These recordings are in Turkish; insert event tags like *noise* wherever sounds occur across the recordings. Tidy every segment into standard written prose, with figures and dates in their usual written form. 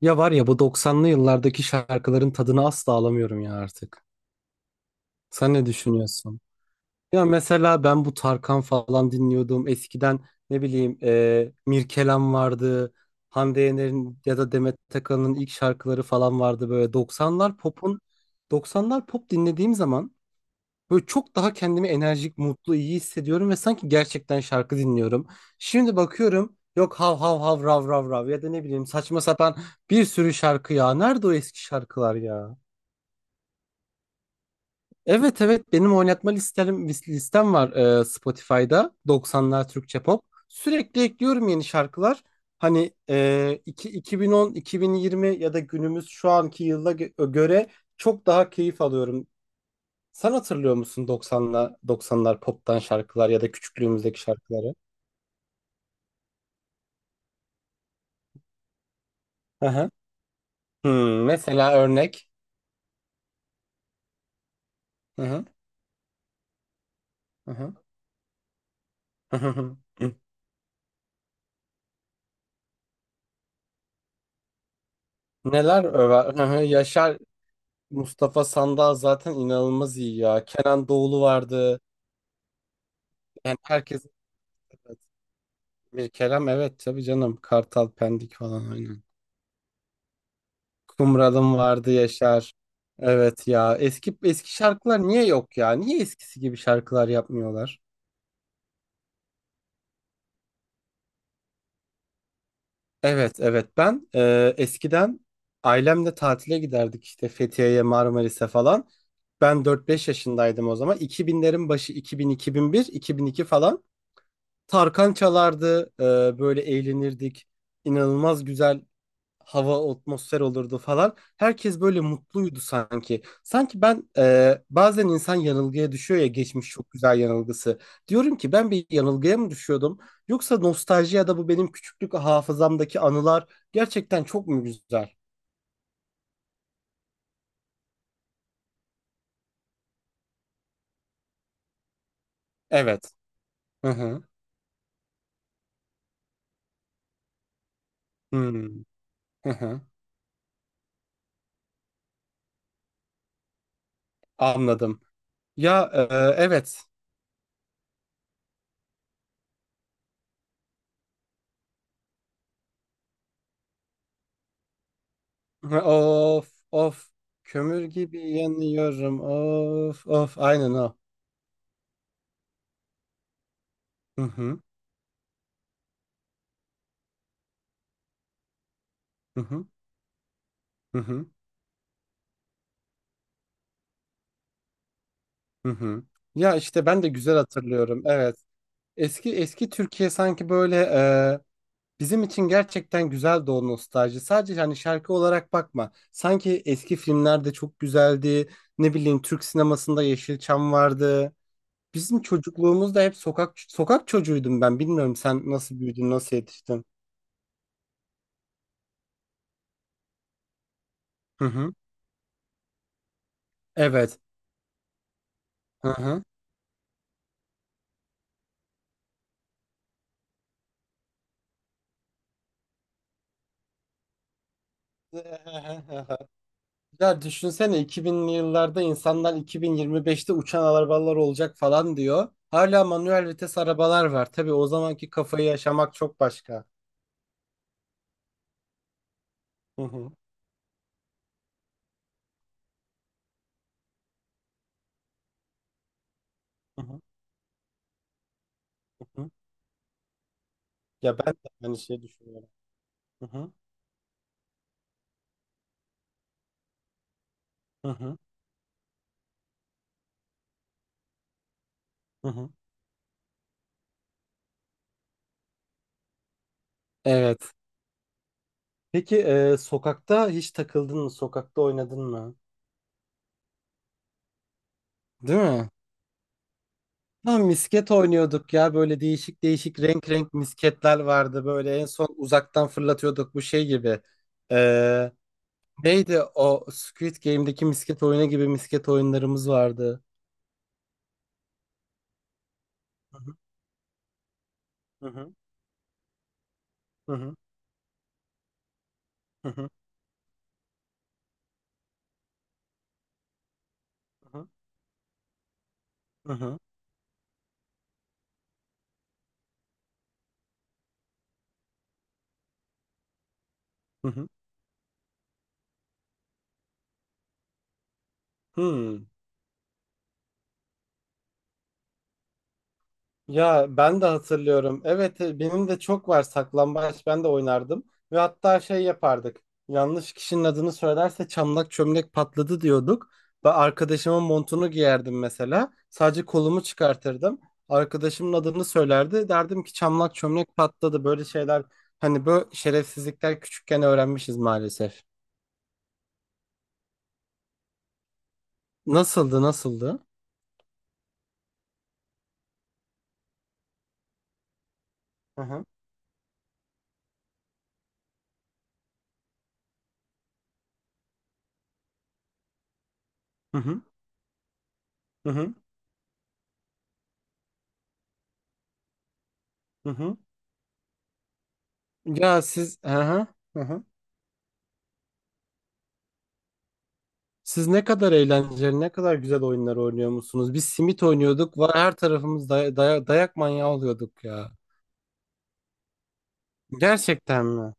Ya var ya bu 90'lı yıllardaki şarkıların tadını asla alamıyorum ya artık. Sen ne düşünüyorsun? Ya mesela ben bu Tarkan falan dinliyordum. Eskiden ne bileyim, Mirkelam vardı. Hande Yener'in ya da Demet Akalın'ın ilk şarkıları falan vardı böyle. 90'lar pop'un, 90'lar pop dinlediğim zaman böyle çok daha kendimi enerjik, mutlu, iyi hissediyorum ve sanki gerçekten şarkı dinliyorum. Şimdi bakıyorum, yok hav hav hav rav rav rav ya da ne bileyim saçma sapan bir sürü şarkı ya. Nerede o eski şarkılar ya? Evet, evet, benim oynatma listem, var, Spotify'da 90'lar Türkçe pop. Sürekli ekliyorum yeni şarkılar. Hani, 2010, 2020 ya da günümüz şu anki yıla göre çok daha keyif alıyorum. Sen hatırlıyor musun 90'la 90'lar pop'tan şarkılar ya da küçüklüğümüzdeki şarkıları? Hı hı. Hmm, mesela örnek. Hı hı. Hı hı. Hı hı. Hı. Neler över? Hı hı. Yaşar, Mustafa Sandal zaten inanılmaz iyi ya. Kenan Doğulu vardı. Yani herkes, evet. Bir Kerem, evet, tabii canım. Kartal Pendik falan aynen. Kumralım vardı Yaşar. Evet ya, eski eski şarkılar niye yok ya? Niye eskisi gibi şarkılar yapmıyorlar? Evet, evet. Ben eskiden ailemle tatile giderdik işte Fethiye'ye, Marmaris'e falan. Ben 4-5 yaşındaydım o zaman. 2000'lerin başı, iki iki bin, 2001, 2002 falan. Tarkan çalardı, böyle eğlenirdik. İnanılmaz güzel hava, atmosfer olurdu falan. Herkes böyle mutluydu sanki. Sanki ben bazen insan yanılgıya düşüyor ya, geçmiş çok güzel yanılgısı. Diyorum ki, ben bir yanılgıya mı düşüyordum? Yoksa nostalji ya da bu benim küçüklük hafızamdaki anılar gerçekten çok mu güzel? Evet. Hı hı. Hmm. Hı hı. Anladım. Ya evet. Hı, of of. Kömür gibi yanıyorum. Of of. Aynen o. Hı hı. Hı hı. Hı hı. Hı hı. Ya işte ben de güzel hatırlıyorum. Evet. Eski eski Türkiye sanki böyle bizim için gerçekten güzeldi o nostalji. Sadece hani şarkı olarak bakma. Sanki eski filmlerde çok güzeldi. Ne bileyim, Türk sinemasında Yeşilçam vardı. Bizim çocukluğumuzda hep sokak sokak çocuğuydum ben. Bilmiyorum, sen nasıl büyüdün, nasıl yetiştin? Hı hı. Evet. Hı hı. *laughs* Ya düşünsene, 2000'li yıllarda insanlar 2025'te uçan arabalar olacak falan diyor. Hala manuel vites arabalar var. Tabii o zamanki kafayı yaşamak çok başka. Hı hı, hı hı, hı hı. Ya ben de aynı şeyi düşünüyorum. Hı hı, hı hı, hı hı. Evet. Peki sokakta hiç takıldın mı? Sokakta oynadın mı? Değil mi? Lan, misket oynuyorduk ya, böyle değişik değişik renk renk misketler vardı, böyle en son uzaktan fırlatıyorduk bu şey gibi. Ee, Neydi o Squid Game'deki misket oyunu gibi misket oyunlarımız vardı. Hı hı hı hı hı hı hı hı hı hı. Hı hı. Ya ben de hatırlıyorum. Evet, benim de çok var, saklambaç ben de oynardım. Ve hatta şey yapardık. Yanlış kişinin adını söylerse çamlak çömlek patladı diyorduk. Ben arkadaşımın montunu giyerdim mesela. Sadece kolumu çıkartırdım. Arkadaşımın adını söylerdi. Derdim ki çamlak çömlek patladı. Böyle şeyler, hani böyle şerefsizlikler küçükken öğrenmişiz maalesef. Nasıldı, nasıldı? Hı hı. Hı hı. Hı hı. Hı hı. Ya siz, hı hı. Hı hı. Siz ne kadar eğlenceli, ne kadar güzel oyunlar oynuyor musunuz? Biz simit oynuyorduk. Var, her tarafımız dayak manyağı oluyorduk ya. Gerçekten mi?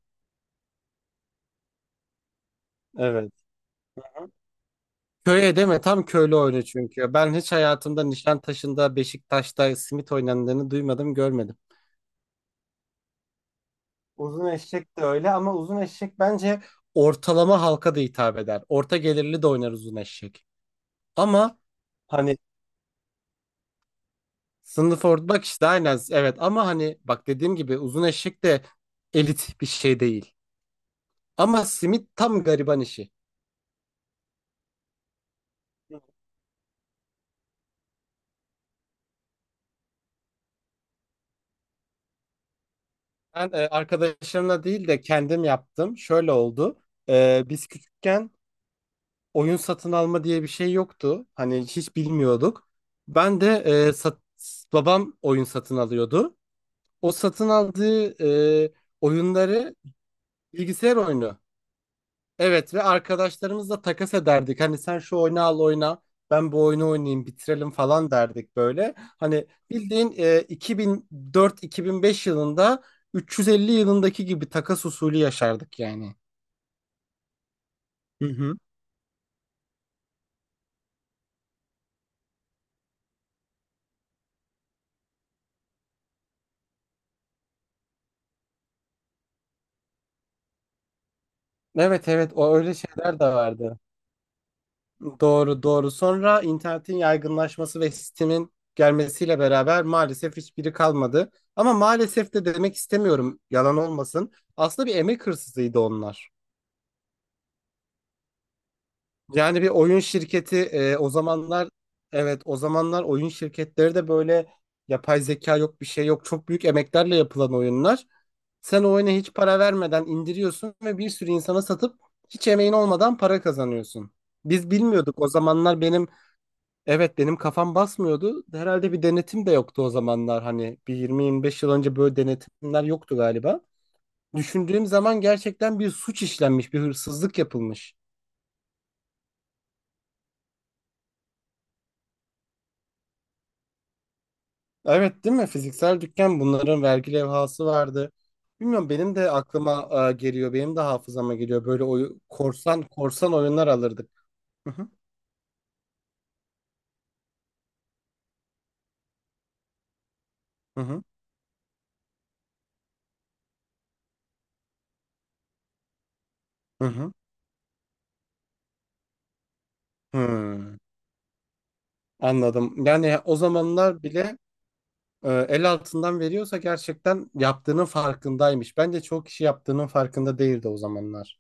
Evet. Köye deme, tam köylü oyunu çünkü. Ben hiç hayatımda Nişantaşı'nda, Beşiktaş'ta simit oynandığını duymadım, görmedim. Uzun eşek de öyle ama uzun eşek bence ortalama halka da hitap eder. Orta gelirli de oynar uzun eşek. Ama hani sınıf orta, bak işte aynen, evet, ama hani bak, dediğim gibi uzun eşek de elit bir şey değil. Ama simit tam gariban işi. Ben arkadaşlarımla değil de kendim yaptım. Şöyle oldu. Biz küçükken oyun satın alma diye bir şey yoktu. Hani hiç bilmiyorduk. Ben de e, sat- babam oyun satın alıyordu. O satın aldığı e, oyunları, bilgisayar oyunu. Evet, ve arkadaşlarımızla takas ederdik. Hani sen şu oyunu al oyna, ben bu oyunu oynayayım, bitirelim falan derdik böyle. Hani bildiğin 2004-2005 yılında 350 yılındaki gibi takas usulü yaşardık yani. Hı hı. Evet, evet, o öyle şeyler de vardı. Doğru, doğru. Sonra internetin yaygınlaşması ve sistemin gelmesiyle beraber maalesef hiçbiri kalmadı. Ama maalesef de demek istemiyorum, yalan olmasın. Aslında bir emek hırsızıydı onlar. Yani bir oyun şirketi o zamanlar, evet, o zamanlar oyun şirketleri de böyle, yapay zeka yok, bir şey yok, çok büyük emeklerle yapılan oyunlar. Sen o oyuna hiç para vermeden indiriyorsun ve bir sürü insana satıp hiç emeğin olmadan para kazanıyorsun. Biz bilmiyorduk o zamanlar, benim, evet, benim kafam basmıyordu. Herhalde bir denetim de yoktu o zamanlar, hani bir 20-25 yıl önce böyle denetimler yoktu galiba. Düşündüğüm zaman gerçekten bir suç işlenmiş, bir hırsızlık yapılmış. Evet, değil mi? Fiziksel dükkan, bunların vergi levhası vardı. Bilmiyorum, benim de aklıma geliyor. Benim de hafızama geliyor. Böyle korsan korsan oyunlar alırdık. Hı hı hı hı hı. Hı. Hmm, Anladım. Yani o zamanlar bile el altından veriyorsa gerçekten yaptığının farkındaymış. Bence çoğu kişi yaptığının farkında değildi o zamanlar.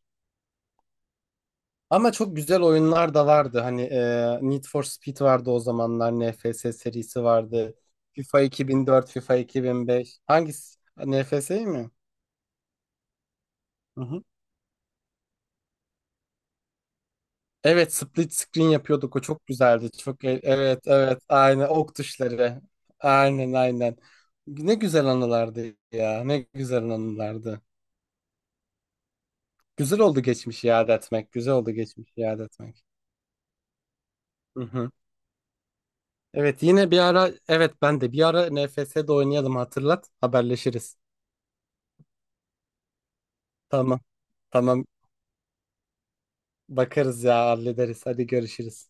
Ama çok güzel oyunlar da vardı. Hani Need for Speed vardı o zamanlar. NFS serisi vardı. FIFA 2004, FIFA 2005. Hangisi? NFS'yi mi? Hı hı. Evet, split screen yapıyorduk. O çok güzeldi. Çok evet, evet. Aynen ok tuşları. Aynen, aynen. Ne güzel anılardı ya. Ne güzel anılardı. Güzel oldu geçmişi iade etmek. Güzel oldu geçmişi iade etmek. Hı hı. Evet, yine bir ara, evet, ben de bir ara NFS'de oynayalım, hatırlat. Haberleşiriz. Tamam. Tamam. Bakarız ya, hallederiz. Hadi görüşürüz.